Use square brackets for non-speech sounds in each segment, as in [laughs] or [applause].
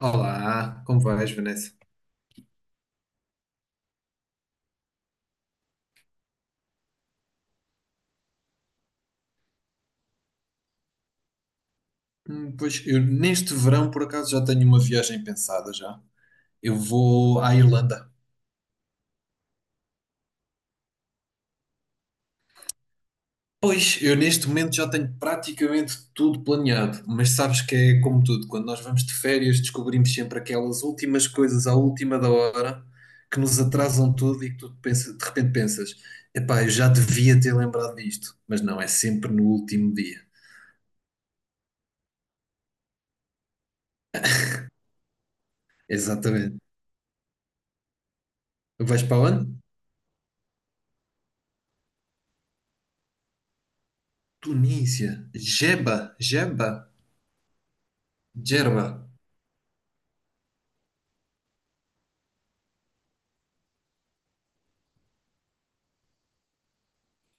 Olá, como vais, Vanessa? Pois eu neste verão por acaso já tenho uma viagem pensada já. Eu vou à Irlanda. Pois eu neste momento já tenho praticamente tudo planeado, mas sabes que é como tudo, quando nós vamos de férias descobrimos sempre aquelas últimas coisas à última da hora que nos atrasam tudo e que de repente pensas, epá, eu já devia ter lembrado disto, mas não, é sempre no último dia. Exatamente. Vais para onde? Tunísia. Jeba, Jeba. Gerba.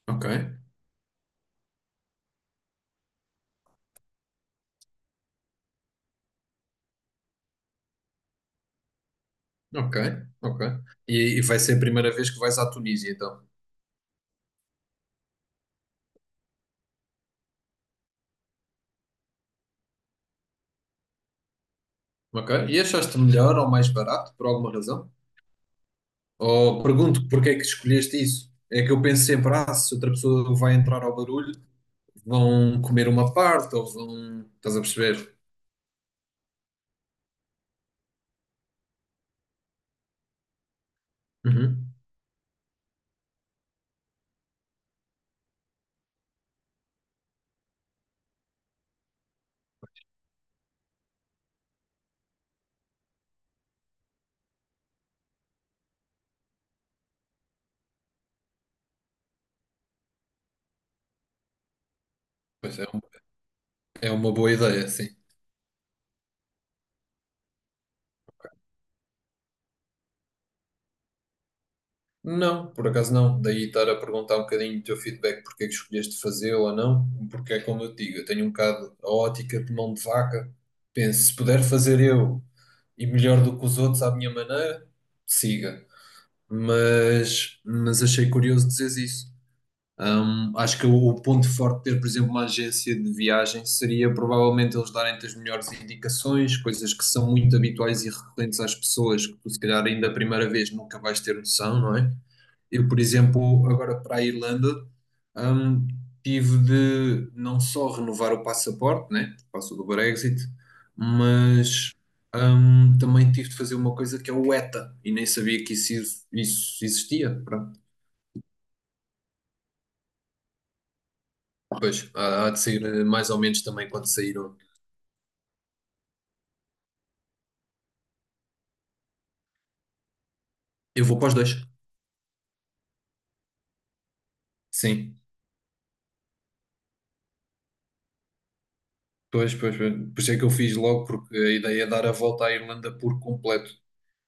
Ok, ok, ok. E vai ser a primeira vez que vais à Tunísia, então. Ok. E achaste melhor ou mais barato, por alguma razão? Ou pergunto porque é que escolheste isso? É que eu penso sempre, ah, se outra pessoa vai entrar ao barulho, vão comer uma parte ou vão. Estás a perceber? Uhum. Pois é, um- É uma boa ideia, sim. Não, por acaso não. Daí estar a perguntar um bocadinho do teu feedback, porque é que escolheste fazer ou não, porque é como eu te digo, eu tenho um bocado a ótica de mão de vaca. Penso, se puder fazer eu e melhor do que os outros à minha maneira, siga. Mas achei curioso dizeres isso. Acho que o ponto forte de ter, por exemplo, uma agência de viagem seria provavelmente eles darem-te as melhores indicações, coisas que são muito habituais e recorrentes às pessoas, que tu se calhar ainda a primeira vez nunca vais ter noção, não é? Eu, por exemplo, agora para a Irlanda, hum, tive de não só renovar o passaporte, né, por causa do Brexit, mas também tive de fazer uma coisa que é o ETA, e nem sabia que isso existia. Pronto. Pois, há de sair mais ou menos também quando saíram. Eu vou para os dois. Sim, pois. Por isso é que eu fiz logo, porque a ideia é dar a volta à Irlanda por completo.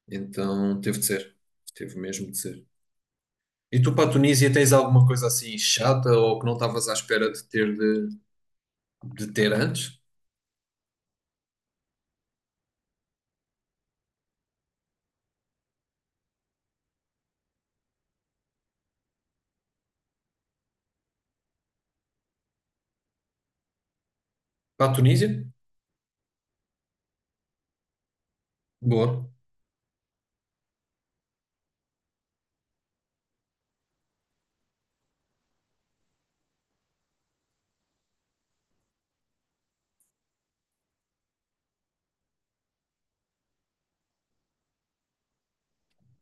Então teve de ser, teve mesmo de ser. E tu para a Tunísia tens alguma coisa assim chata ou que não estavas à espera de de ter antes? Para a Tunísia? Boa.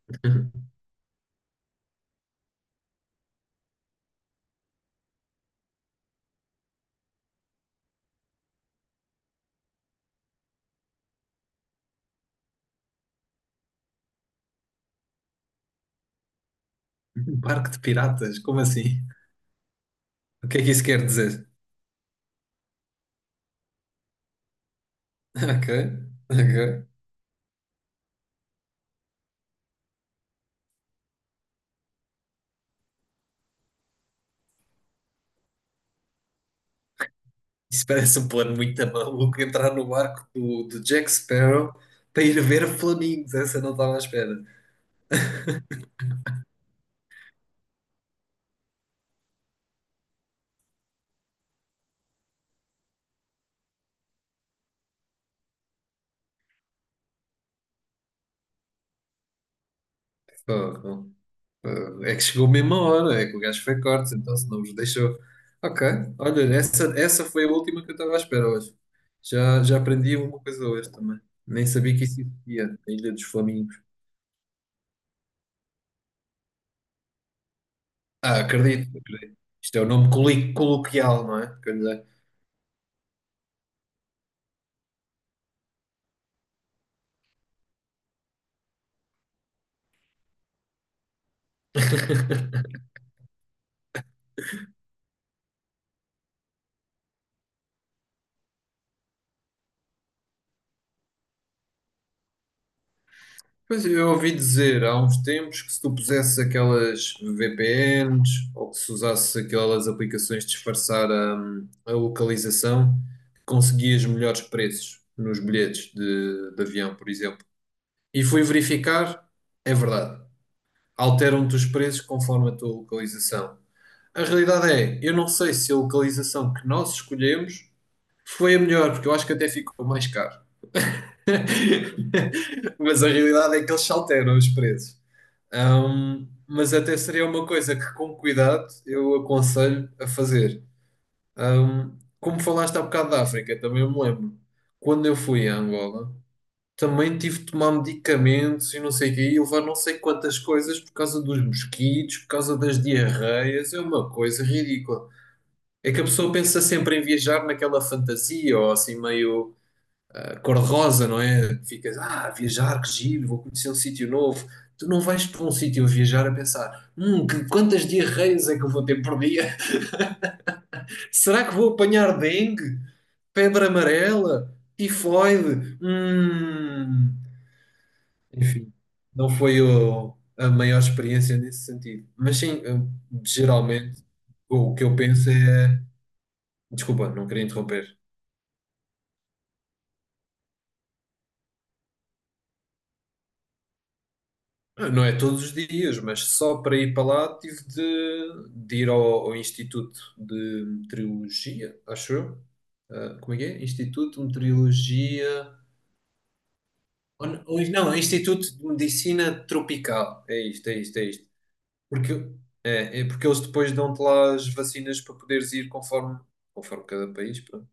[laughs] Um barco de piratas? Como assim? O que é que isso quer dizer? [laughs] Ok, ok. Isso parece um plano muito maluco entrar no barco do Jack Sparrow para ir ver flamingos. Essa eu não estava à espera. Fogo. É que chegou mesmo a hora, é que o gajo foi corte, então se não vos deixou. Ok, olha, essa foi a última que eu estava à espera hoje. Já aprendi uma coisa hoje também. Nem sabia que isso existia, a Ilha dos Flamingos. Ah, acredito, acredito. Isto é o nome coloquial, não é? Pois eu ouvi dizer há uns tempos que se tu pusesses aquelas VPNs ou que se usasse aquelas aplicações de disfarçar a localização, conseguias melhores preços nos bilhetes de avião, por exemplo. E fui verificar, é verdade. Alteram-te os preços conforme a tua localização. A realidade é, eu não sei se a localização que nós escolhemos foi a melhor, porque eu acho que até ficou mais caro. [laughs] Mas a realidade é que eles se alteram os preços. Mas até seria uma coisa que, com cuidado, eu aconselho a fazer. Como falaste há bocado da África, também eu me lembro. Quando eu fui a Angola, também tive de tomar medicamentos e não sei o quê, e levar não sei quantas coisas por causa dos mosquitos, por causa das diarreias. É uma coisa ridícula. É que a pessoa pensa sempre em viajar naquela fantasia ou assim meio a cor-de-rosa, não é? Ficas, ah, viajar, que giro, vou conhecer um sítio novo. Tu não vais para um sítio a viajar a pensar, quantas diarreias é que eu vou ter por dia? [laughs] Será que vou apanhar dengue, febre amarela, tifoide? Hum. Enfim, não foi a maior experiência nesse sentido. Mas sim, eu, geralmente, o que eu penso é. Desculpa, não queria interromper. Não é todos os dias, mas só para ir para lá tive de ir ao Instituto de Meteorologia, acho eu. Ah, como é que é? Instituto de Meteorologia. Não, Instituto de Medicina Tropical. É isto. Porque, É porque eles depois dão-te lá as vacinas para poderes ir conforme, conforme cada país. Pronto.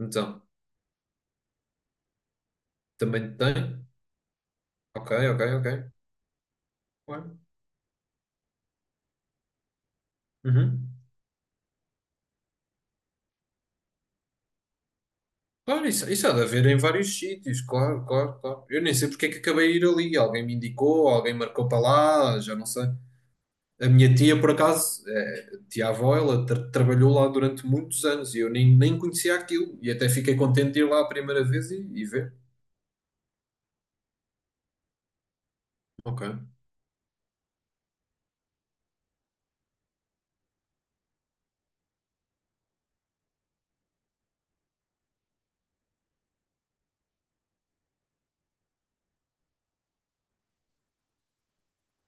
Então, também tem? Ok, ok, ok. Ué. Uhum. Claro, isso há de haver em vários sítios, claro, claro, claro. Eu nem sei porque é que acabei de ir ali. Alguém me indicou, alguém marcou para lá, já não sei. A minha tia, por acaso, é, tia-avó, ela trabalhou lá durante muitos anos e eu nem conhecia aquilo. E até fiquei contente de ir lá a primeira vez e ver. Ok.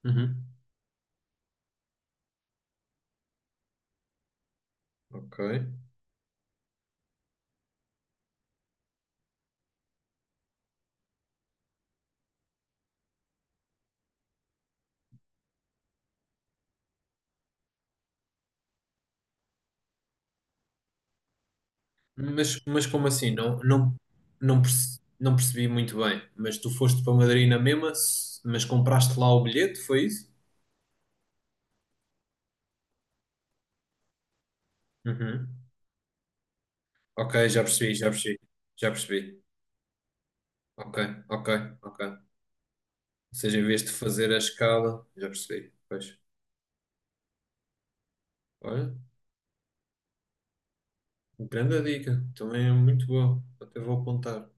Uhum. Ok. Mas como assim? Não, não, não percebi muito bem. Mas tu foste para Madrid na mesma, mas compraste lá o bilhete, foi isso? Uhum. Ok, já percebi. Já percebi. Ok, ok, ok. Ou seja, em vez de fazer a escala, já percebi. Pois. Olha, grande dica. Também é muito boa. Até vou apontar.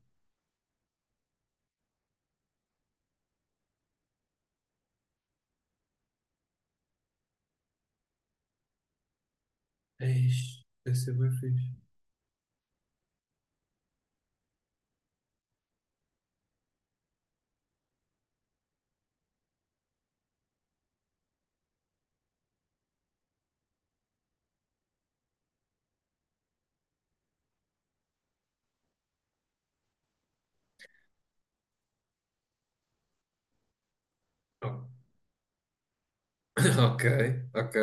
Eish, deve ser bem fixe. Oh, [laughs] Ok, ok,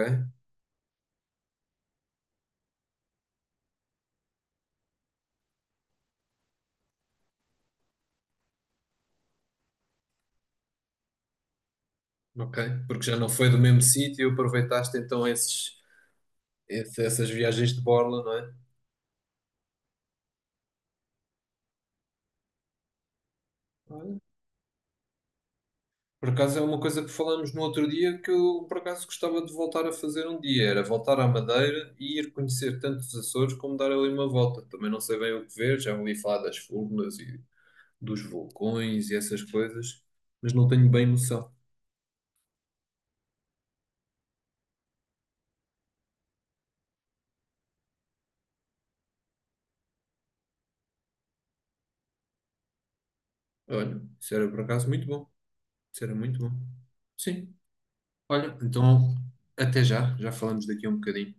ok. Porque já não foi do mesmo sítio, aproveitaste então essas viagens de borla, não é? Por acaso é uma coisa que falámos no outro dia que eu por acaso gostava de voltar a fazer um dia, era voltar à Madeira e ir conhecer tanto os Açores como dar ali uma volta. Também não sei bem o que ver, já ouvi falar das furnas e dos vulcões e essas coisas, mas não tenho bem noção. Olha, isso era por acaso muito bom. Isso era muito bom. Sim. Olha, então até já, já falamos daqui a um bocadinho.